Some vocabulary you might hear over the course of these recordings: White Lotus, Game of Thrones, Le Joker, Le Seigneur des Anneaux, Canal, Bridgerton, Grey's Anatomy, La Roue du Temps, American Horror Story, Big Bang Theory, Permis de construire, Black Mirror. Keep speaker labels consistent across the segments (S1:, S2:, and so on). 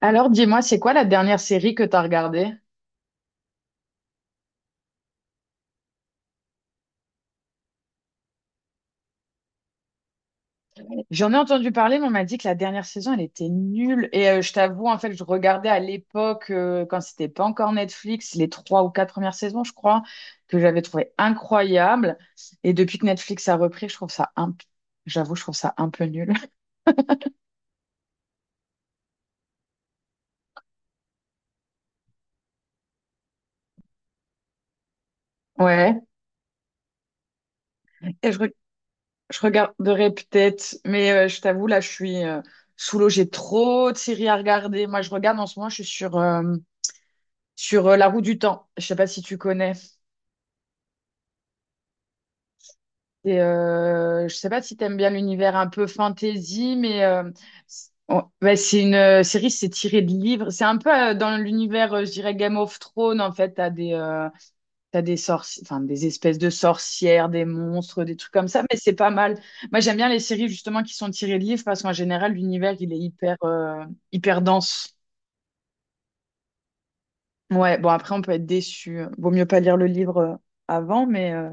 S1: Alors, dis-moi, c'est quoi la dernière série que t'as regardée? J'en ai entendu parler, mais on m'a dit que la dernière saison, elle était nulle. Et je t'avoue, en fait, je regardais à l'époque, quand c'était pas encore Netflix, les trois ou quatre premières saisons, je crois, que j'avais trouvé incroyable. Et depuis que Netflix a repris, je trouve ça j'avoue, je trouve ça un peu nul. Ouais. Et je regarderai peut-être, mais je t'avoue, là, je suis sous l'eau. J'ai trop de séries à regarder. Moi, je regarde en ce moment, je suis sur La Roue du Temps. Je sais pas si tu connais. Et je sais pas si t'aimes bien l'univers un peu fantasy, mais ouais, c'est une série, c'est tiré de livres. C'est un peu dans l'univers, je dirais, Game of Thrones. En fait, enfin, des espèces de sorcières, des monstres, des trucs comme ça, mais c'est pas mal. Moi, j'aime bien les séries justement qui sont tirées de livres parce qu'en général, l'univers, il est hyper dense. Ouais, bon, après, on peut être déçu. Vaut mieux pas lire le livre avant, mais, euh,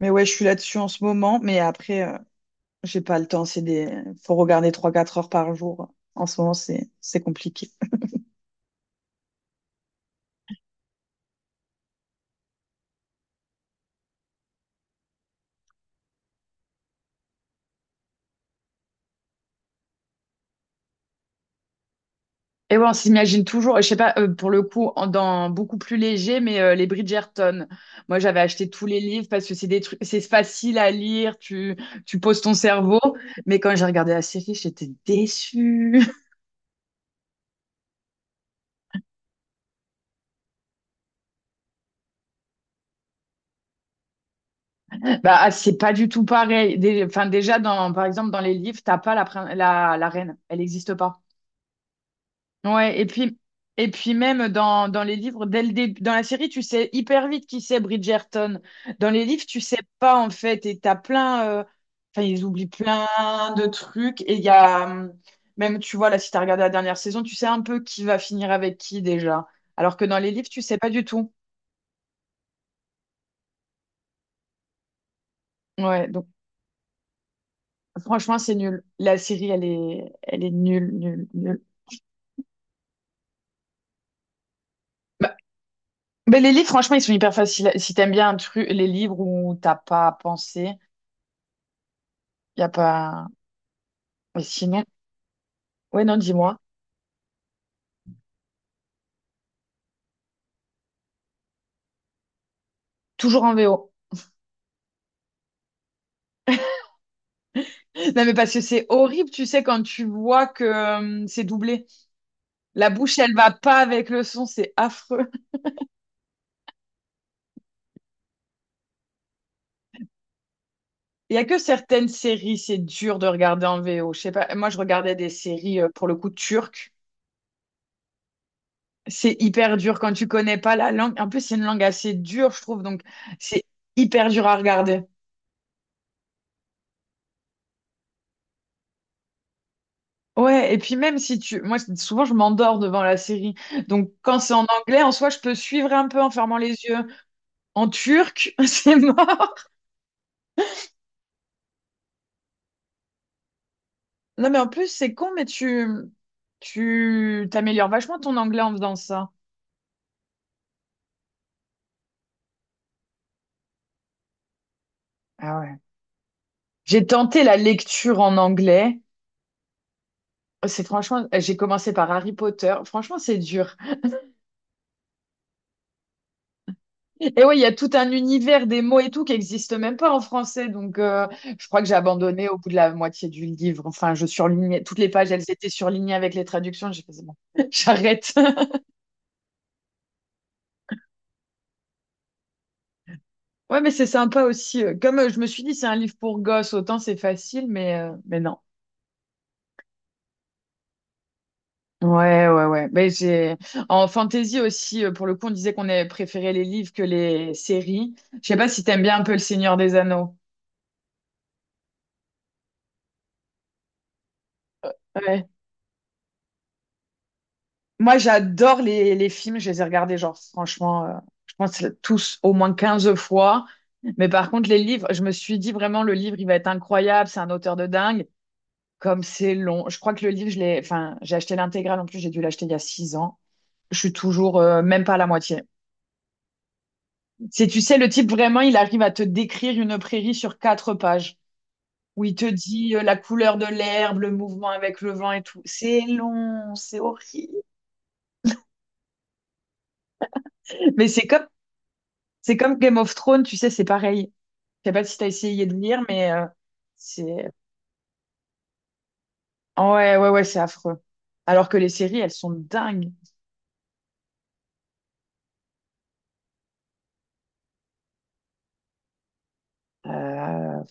S1: mais ouais, je suis là-dessus en ce moment. Mais après, j'ai pas le temps, c'est des. Faut regarder trois quatre heures par jour. En ce moment, c'est compliqué. Et ouais, on s'imagine toujours, je sais pas, pour le coup, dans beaucoup plus léger, mais les Bridgerton. Moi, j'avais acheté tous les livres parce que c'est des trucs, c'est facile à lire, tu poses ton cerveau. Mais quand j'ai regardé la série, j'étais déçue. Bah, ah, c'est pas du tout pareil. Enfin, déjà, dans, par exemple, dans les livres, t'as pas la reine. Elle n'existe pas. Ouais, et puis même dans les livres, dès le début, dans la série, tu sais hyper vite qui c'est Bridgerton. Dans les livres, tu sais pas en fait, et t'as plein, enfin ils oublient plein de trucs, et il y a même, tu vois, là, si t'as regardé la dernière saison, tu sais un peu qui va finir avec qui déjà. Alors que dans les livres, tu sais pas du tout. Ouais, donc franchement, c'est nul. La série, elle est nulle, nulle, nulle. Bah, mais les livres, franchement, ils sont hyper faciles. Si t'aimes bien un truc, les livres où t'as pas à penser, y a pas. Mais sinon, ouais, non, dis-moi. Toujours en VO. Non, mais parce que c'est horrible, tu sais, quand tu vois que c'est doublé. La bouche, elle va pas avec le son, c'est affreux. Il y a que certaines séries, c'est dur de regarder en VO. Je sais pas, moi, je regardais des séries, pour le coup, turques. C'est hyper dur quand tu connais pas la langue. En plus, c'est une langue assez dure, je trouve, donc c'est hyper dur à regarder. Ouais, et puis même si tu... Moi, souvent, je m'endors devant la série. Donc, quand c'est en anglais, en soi, je peux suivre un peu en fermant les yeux. En turc, c'est mort. Non, mais en plus, c'est con, mais tu t'améliores vachement ton anglais en faisant ça. Ah ouais. J'ai tenté la lecture en anglais. C'est franchement, j'ai commencé par Harry Potter. Franchement, c'est dur. Et ouais, il y a tout un univers des mots et tout qui n'existe même pas en français. Donc, je crois que j'ai abandonné au bout de la moitié du livre. Enfin, je surlignais toutes les pages, elles étaient surlignées avec les traductions. J'ai fait, c'est bon, j'arrête. Ouais, mais c'est sympa aussi. Comme je me suis dit, c'est un livre pour gosses, autant c'est facile, mais non. Ouais, ouais, ouais. En fantasy aussi, pour le coup, on disait qu'on avait préféré les livres que les séries. Je sais pas si t'aimes bien un peu Le Seigneur des Anneaux. Ouais. Moi, j'adore les films. Je les ai regardés, genre, franchement, je pense tous au moins 15 fois. Mais par contre, les livres, je me suis dit vraiment, le livre, il va être incroyable. C'est un auteur de dingue. Comme c'est long. Je crois que le livre, je l'ai, enfin, j'ai acheté l'intégrale. En plus, j'ai dû l'acheter il y a 6 ans. Je suis toujours, même pas à la moitié. C'est, tu sais, le type vraiment, il arrive à te décrire une prairie sur quatre pages, où il te dit la couleur de l'herbe, le mouvement avec le vent et tout. C'est long, c'est horrible. Mais c'est comme Game of Thrones, tu sais, c'est pareil. Je sais pas si t'as essayé de lire, mais c'est. Ah ouais, ouais, ouais, c'est affreux. Alors que les séries, elles sont dingues. Euh,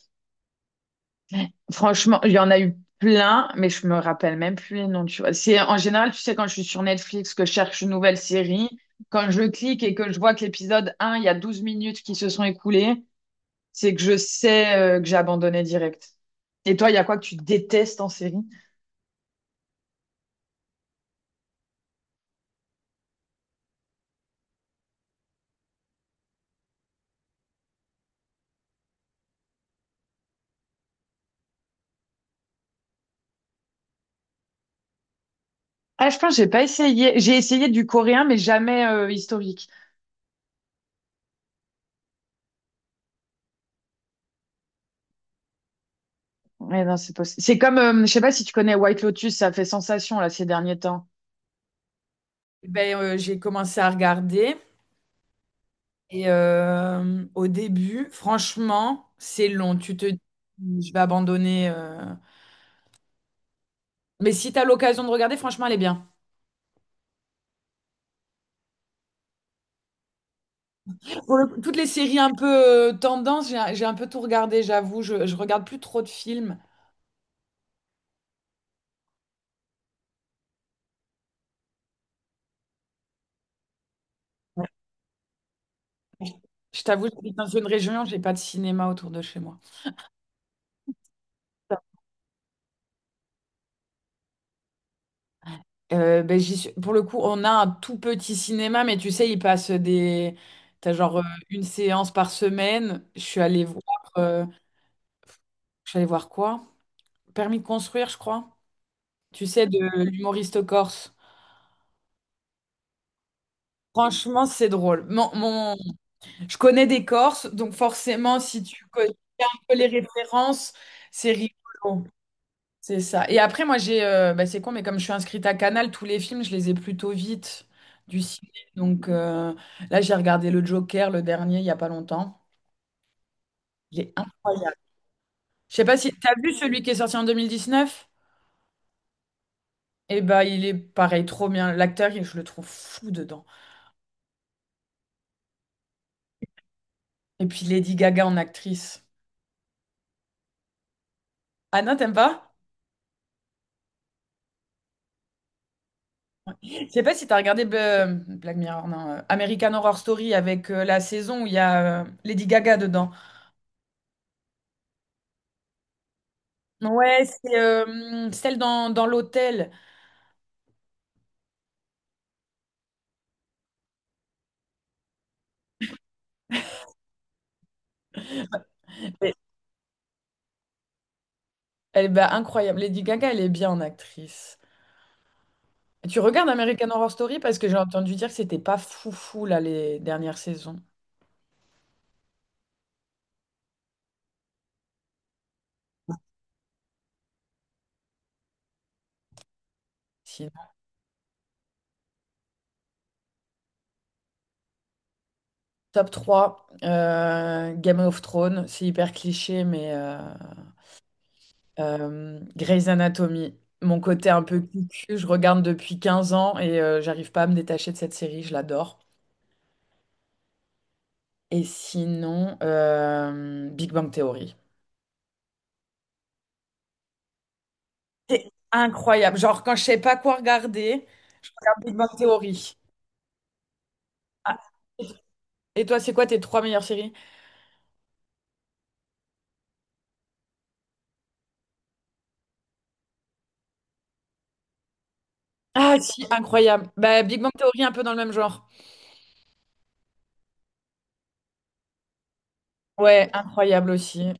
S1: Franchement, il y en a eu plein, mais je me rappelle même plus les noms, tu vois. C'est, en général, tu sais, quand je suis sur Netflix, que je cherche une nouvelle série, quand je clique et que je vois que l'épisode un, il y a 12 minutes qui se sont écoulées, c'est que je sais, que j'ai abandonné direct. Et toi, il y a quoi que tu détestes en série? Ah, je pense que j'ai pas essayé. J'ai essayé du coréen, mais jamais historique. Ouais, non, c'est possible. C'est comme, je sais pas si tu connais White Lotus, ça fait sensation là ces derniers temps. Ben, j'ai commencé à regarder. Et au début, franchement, c'est long. Tu te dis, je vais abandonner. Mais si tu as l'occasion de regarder, franchement, elle est bien. Toutes les séries un peu tendance, j'ai un peu tout regardé, j'avoue. Je regarde plus trop de films. Je t'avoue, j'habite dans une région, j'ai pas de cinéma autour de chez moi. Ben, pour le coup, on a un tout petit cinéma, mais tu sais, il passe des. T'as genre une séance par semaine. Je suis allée voir. euh, Je suis allée voir quoi? Permis de construire, je crois. Tu sais, de l'humoriste corse. Franchement, c'est drôle. Je connais des Corses, donc forcément, si tu connais un peu les références, c'est rigolo. C'est ça. Et après, moi, j'ai. Bah, c'est con, mais comme je suis inscrite à Canal, tous les films, je les ai plutôt vite du ciné. Donc, là, j'ai regardé Le Joker, le dernier, il n'y a pas longtemps. Il est incroyable. Je sais pas si. T'as vu celui qui est sorti en 2019? Eh bah, il est pareil, trop bien. L'acteur, je le trouve fou dedans. Et puis Lady Gaga en actrice. Ah non, t'aimes pas? Je sais pas si tu as regardé Black Mirror, non, American Horror Story avec la saison où il y a Lady Gaga dedans. Ouais, c'est celle dans, l'hôtel. Elle elle est bah, incroyable. Lady Gaga, elle est bien en actrice. Tu regardes American Horror Story parce que j'ai entendu dire que c'était pas foufou là les dernières saisons. Sinon, top 3 Game of Thrones, c'est hyper cliché, Grey's Anatomy, mon côté un peu cucu, je regarde depuis 15 ans et j'arrive pas à me détacher de cette série, je l'adore. Et sinon, Big Bang Theory. C'est incroyable. Genre, quand je sais pas quoi regarder, je regarde Big Bang Theory. Ah. Et toi, c'est quoi tes trois meilleures séries? Ah, si, incroyable. Bah, Big Bang Theory, un peu dans le même genre. Ouais, incroyable aussi.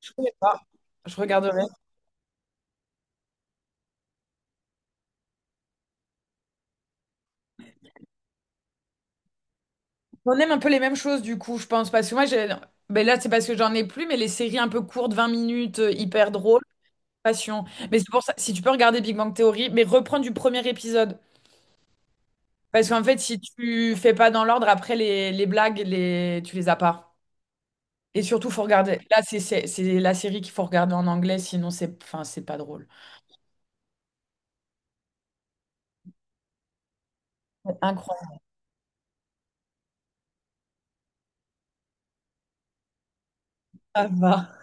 S1: Je connais pas. Je regarderai. On aime un peu les mêmes choses du coup, je pense. Parce que moi, ben là, c'est parce que j'en ai plus, mais les séries un peu courtes, 20 minutes, hyper drôles, passion. Mais c'est pour ça, si tu peux regarder Big Bang Theory, mais reprends du premier épisode. Parce qu'en fait, si tu fais pas dans l'ordre, après, les blagues, tu les as pas. Et surtout, faut regarder. Là, c'est la série qu'il faut regarder en anglais, sinon c'est enfin, c'est pas drôle. Incroyable.